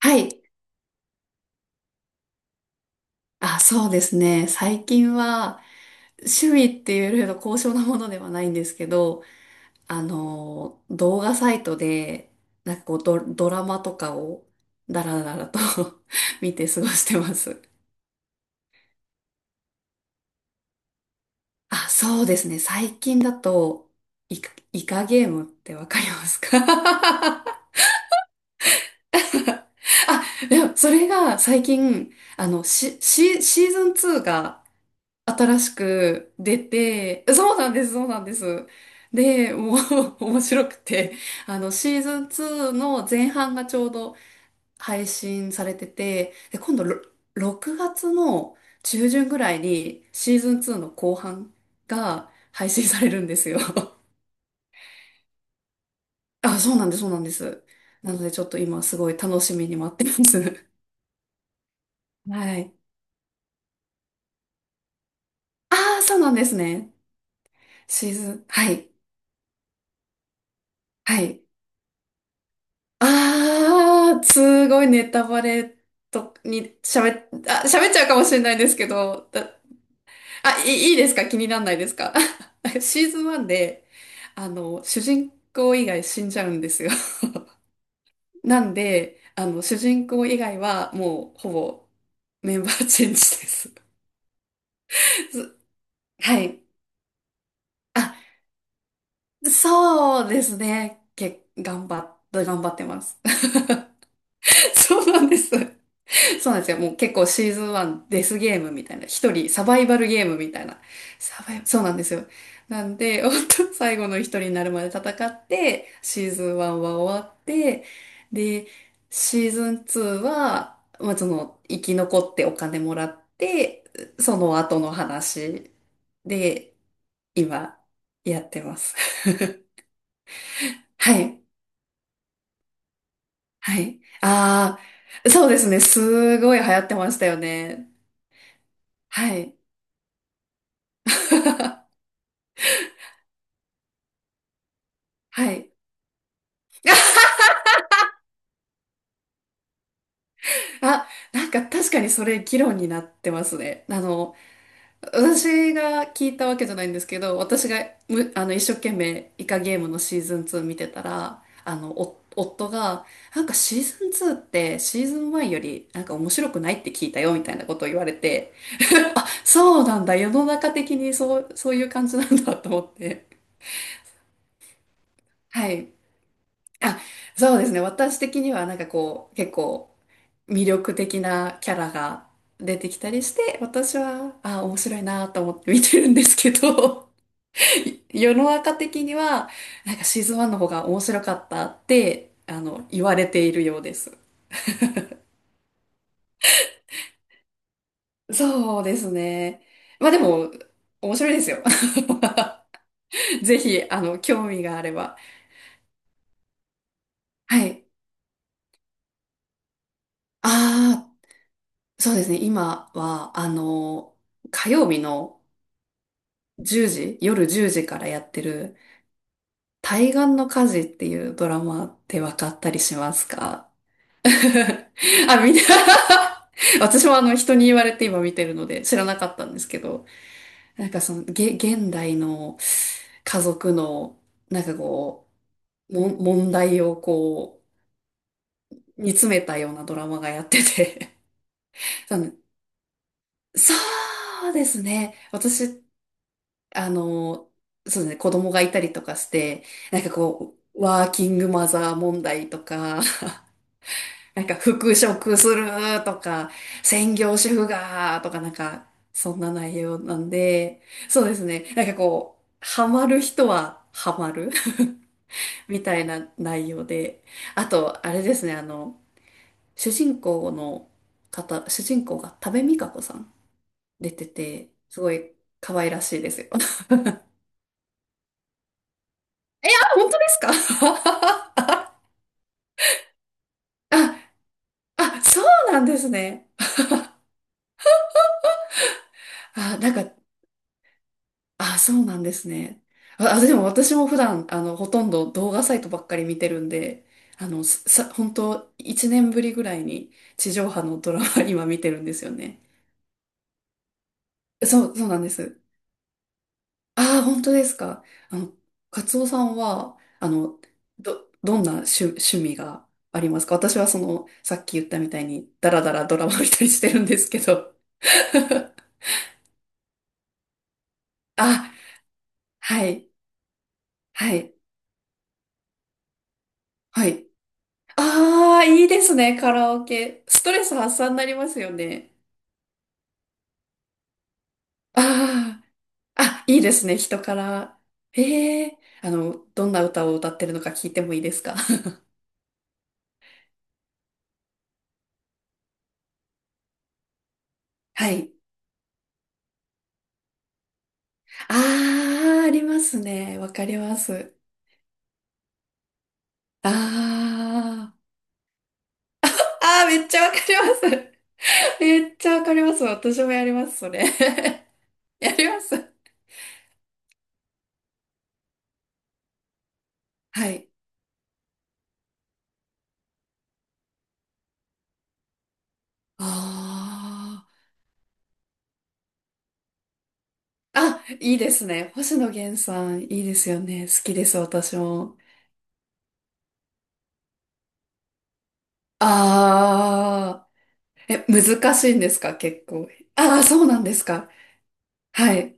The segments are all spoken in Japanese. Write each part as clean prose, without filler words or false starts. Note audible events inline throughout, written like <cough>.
はい。あ、そうですね。最近は趣味っていうよりの高尚なものではないんですけど、動画サイトで、なんかこうドラマとかをダラダラと <laughs> 見て過ごしてます。あ、そうですね。最近だと、イカゲームってわかりますか？ <laughs> あ、でもそれが最近、シーズン2が新しく出て、そうなんです、そうなんです。で、もう <laughs> 面白くて、あの、シーズン2の前半がちょうど配信されてて、で、今度、6月の中旬ぐらいにシーズン2の後半が配信されるんですよ。<laughs> あ、そうなんです、そうなんです。なのでちょっと今すごい楽しみに待ってます。<laughs> はい。ああ、そうなんですね。シーズン、はい、はい。ああ、すごいネタバレとに喋っちゃうかもしれないんですけど、あ、いいですか？気にならないですか？ <laughs> シーズン1で、あの、主人公以外死んじゃうんですよ。<laughs> なんで、あの、主人公以外はもうほぼメンバーチェンジです。<laughs> すはい。あ、そうですね。け、頑張っ、頑張ってます。<laughs> そうなんです。<laughs> そうなんですよ。もう結構シーズン1、デスゲームみたいな。一人サバイバルゲームみたいな。サバイ、そうなんですよ。なんで、<laughs> 本当最後の一人になるまで戦って、シーズン1は終わって、で、シーズン2は、まあ、その、生き残ってお金もらって、その後の話で、今、やってます。<laughs> はい。はい。ああ、そうですね。すごい流行ってましたよね。はい。<laughs> はい。<laughs> あ、なんか確かにそれ議論になってますね。あの、私が聞いたわけじゃないんですけど、私がむ、あの、一生懸命イカゲームのシーズン2見てたら、あの、お夫が、なんかシーズン2ってシーズン1よりなんか面白くないって聞いたよみたいなことを言われて、<laughs> あ、そうなんだ。世の中的にそういう感じなんだと思って。はい。あ、そうですね。私的にはなんかこう、結構、魅力的なキャラが出てきたりして、私は、あ、面白いなと思って見てるんですけど、<laughs> 世の中的には、なんかシーズン1の方が面白かったって、あの、言われているようです。そうですね。まあでも、面白いですよ。<laughs> ぜひ、あの、興味があれば。はい。ああ、そうですね。今は、あの、火曜日の1時、夜10時からやってる対岸の火事っていうドラマって分かったりしますか？ <laughs> あ、みんな <laughs> 私もあの人に言われて今見てるので知らなかったんですけど、なんかその、現代の家族の、なんかこう、問題をこう、煮詰めたようなドラマがやってて <laughs> そのそうですね。私、あの、そうですね、子供がいたりとかして、なんかこう、ワーキングマザー問題とか、なんか復職するとか、専業主婦がとかなんか、そんな内容なんで、そうですね。なんかこう、ハマる人はハマる <laughs> みたいな内容で。あと、あれですね、あの、主人公の主人公が多部未華子さん出てて、すごい可愛らしいですよ。<laughs> あ、本当ですか？ <laughs> あ、あ、そうなんですね。あ、なんかあ、そうなんですね。あ、あでも私も普段、あの、ほとんど動画サイトばっかり見てるんで、あの、本当1年ぶりぐらいに地上波のドラマ <laughs> 今見てるんですよね。そう、そうなんです。ああ、本当ですか。あの、カツオさんは、あの、どんな趣味がありますか？私はその、さっき言ったみたいに、ダラダラドラマ見たりしてるんですけど。<laughs> あ、はい、はい、はい。ああ、いいですね、カラオケ。ストレス発散になりますよね。ああ、あ、いいですね、人から。ええ、あの、どんな歌を歌ってるのか聞いてもいいですか？ <laughs> はい。ああ、ありますね。わかります。ああ、ああ、めっちゃわかります。<laughs> めっちゃわかります。私もやります、それ。<laughs> やります。はい。あああ、いいですね。星野源さん、いいですよね。好きです、私も。ああ、え、難しいんですか、結構。ああ、そうなんですか。はい。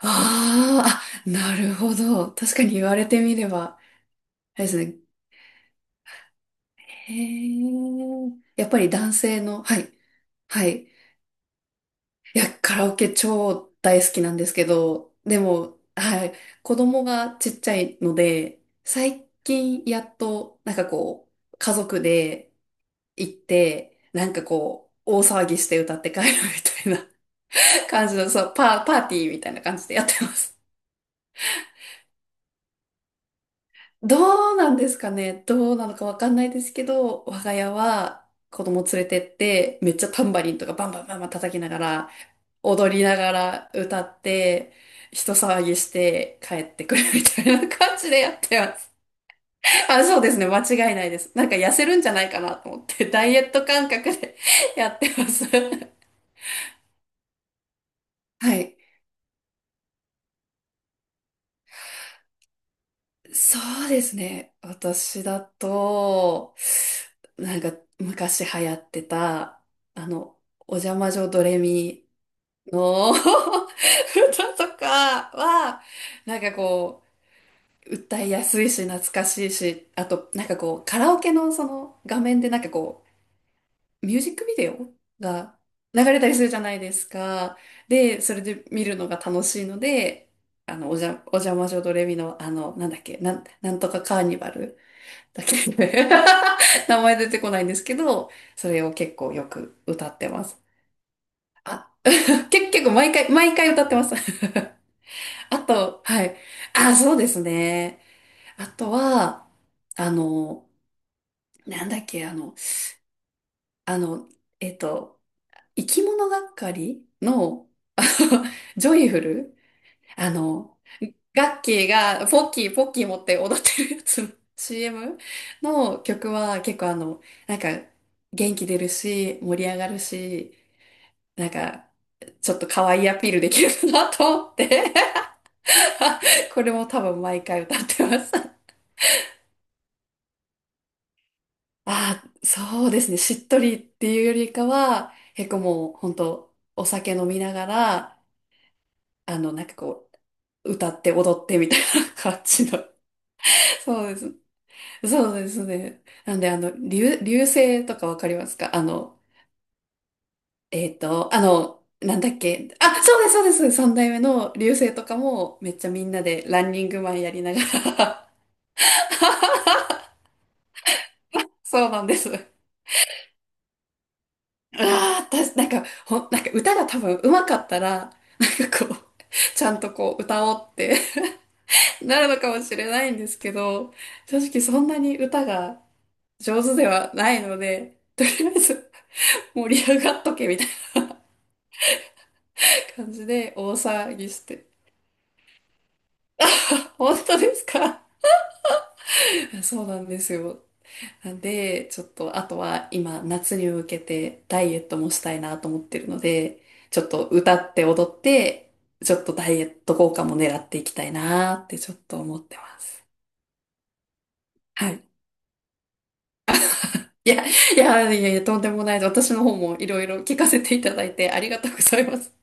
あーあ、なるほど。確かに言われてみれば、あれですね。へえ、やっぱり男性の、はい、はい。いや、カラオケ超大好きなんですけど、でも、はい、子供がちっちゃいので、最近やっと、なんかこう、家族で行って、なんかこう、大騒ぎして歌って帰るみたいな感じの、そう、パーティーみたいな感じでやってます。<laughs> どうなんですかね？どうなのかわかんないですけど、我が家は子供連れてって、めっちゃタンバリンとかバンバンバンバン叩きながら、踊りながら歌って、人騒ぎして帰ってくるみたいな感じでやってます。<laughs> あ、そうですね。間違いないです。なんか痩せるんじゃないかなと思って、ダイエット感覚で <laughs> やってます。<laughs> はい。そうですね。私だと、なんか昔流行ってた、あの、お邪魔女ドレミの <laughs> 歌とかは、なんかこう、歌いやすいし、懐かしいし、あと、なんかこう、カラオケのその画面でなんかこう、ミュージックビデオが流れたりするじゃないですか。で、それで見るのが楽しいので、あの、おじゃ、お邪魔女ドレミの、あの、なんだっけ、なんとかカーニバル。だけで <laughs> 名前出てこないんですけど、それを結構よく歌ってます。あ、結構毎回、毎回歌ってます。<laughs> あと、はい。あ、そうですね。あとは、あの、なんだっけ、あの、えっと、生き物がっかりの、あの、ジョイフル、あの、ガッキーがポッキーポッキー持って踊ってるやつの CM <laughs> の曲は結構あの、なんか元気出るし、盛り上がるし、なんかちょっと可愛いアピールできるかなと思って <laughs> これも多分毎回歌ってます。<laughs> ああ、そうですね。しっとりっていうよりかは、結構もう本当お酒飲みながら、あの、なんかこう、歌って踊ってみたいな感じの。<laughs> そうです。そうですね。なんで、あの、流星とかわかりますか？あの、なんだっけ。あ、そうです、そうです。三代目の流星とかも、めっちゃみんなでランニングマンやりながら <laughs> そうなんです。ああ、私、なんか、なんか歌が多分上手かったら、なんかこう、ちゃんとこう歌おうって <laughs> なるのかもしれないんですけど、正直そんなに歌が上手ではないので、とりあえず盛り上がっとけみたいな感じで大騒ぎして、本当ですか？ <laughs> そうなんですよ。なんで、ちょっと、あとは今、夏に向けてダイエットもしたいなと思ってるので、ちょっと歌って踊って、ちょっとダイエット効果も狙っていきたいなってちょっと思ってます。はい。いや、いや、いやいや、とんでもないです。私の方もいろいろ聞かせていただいてありがとうございます。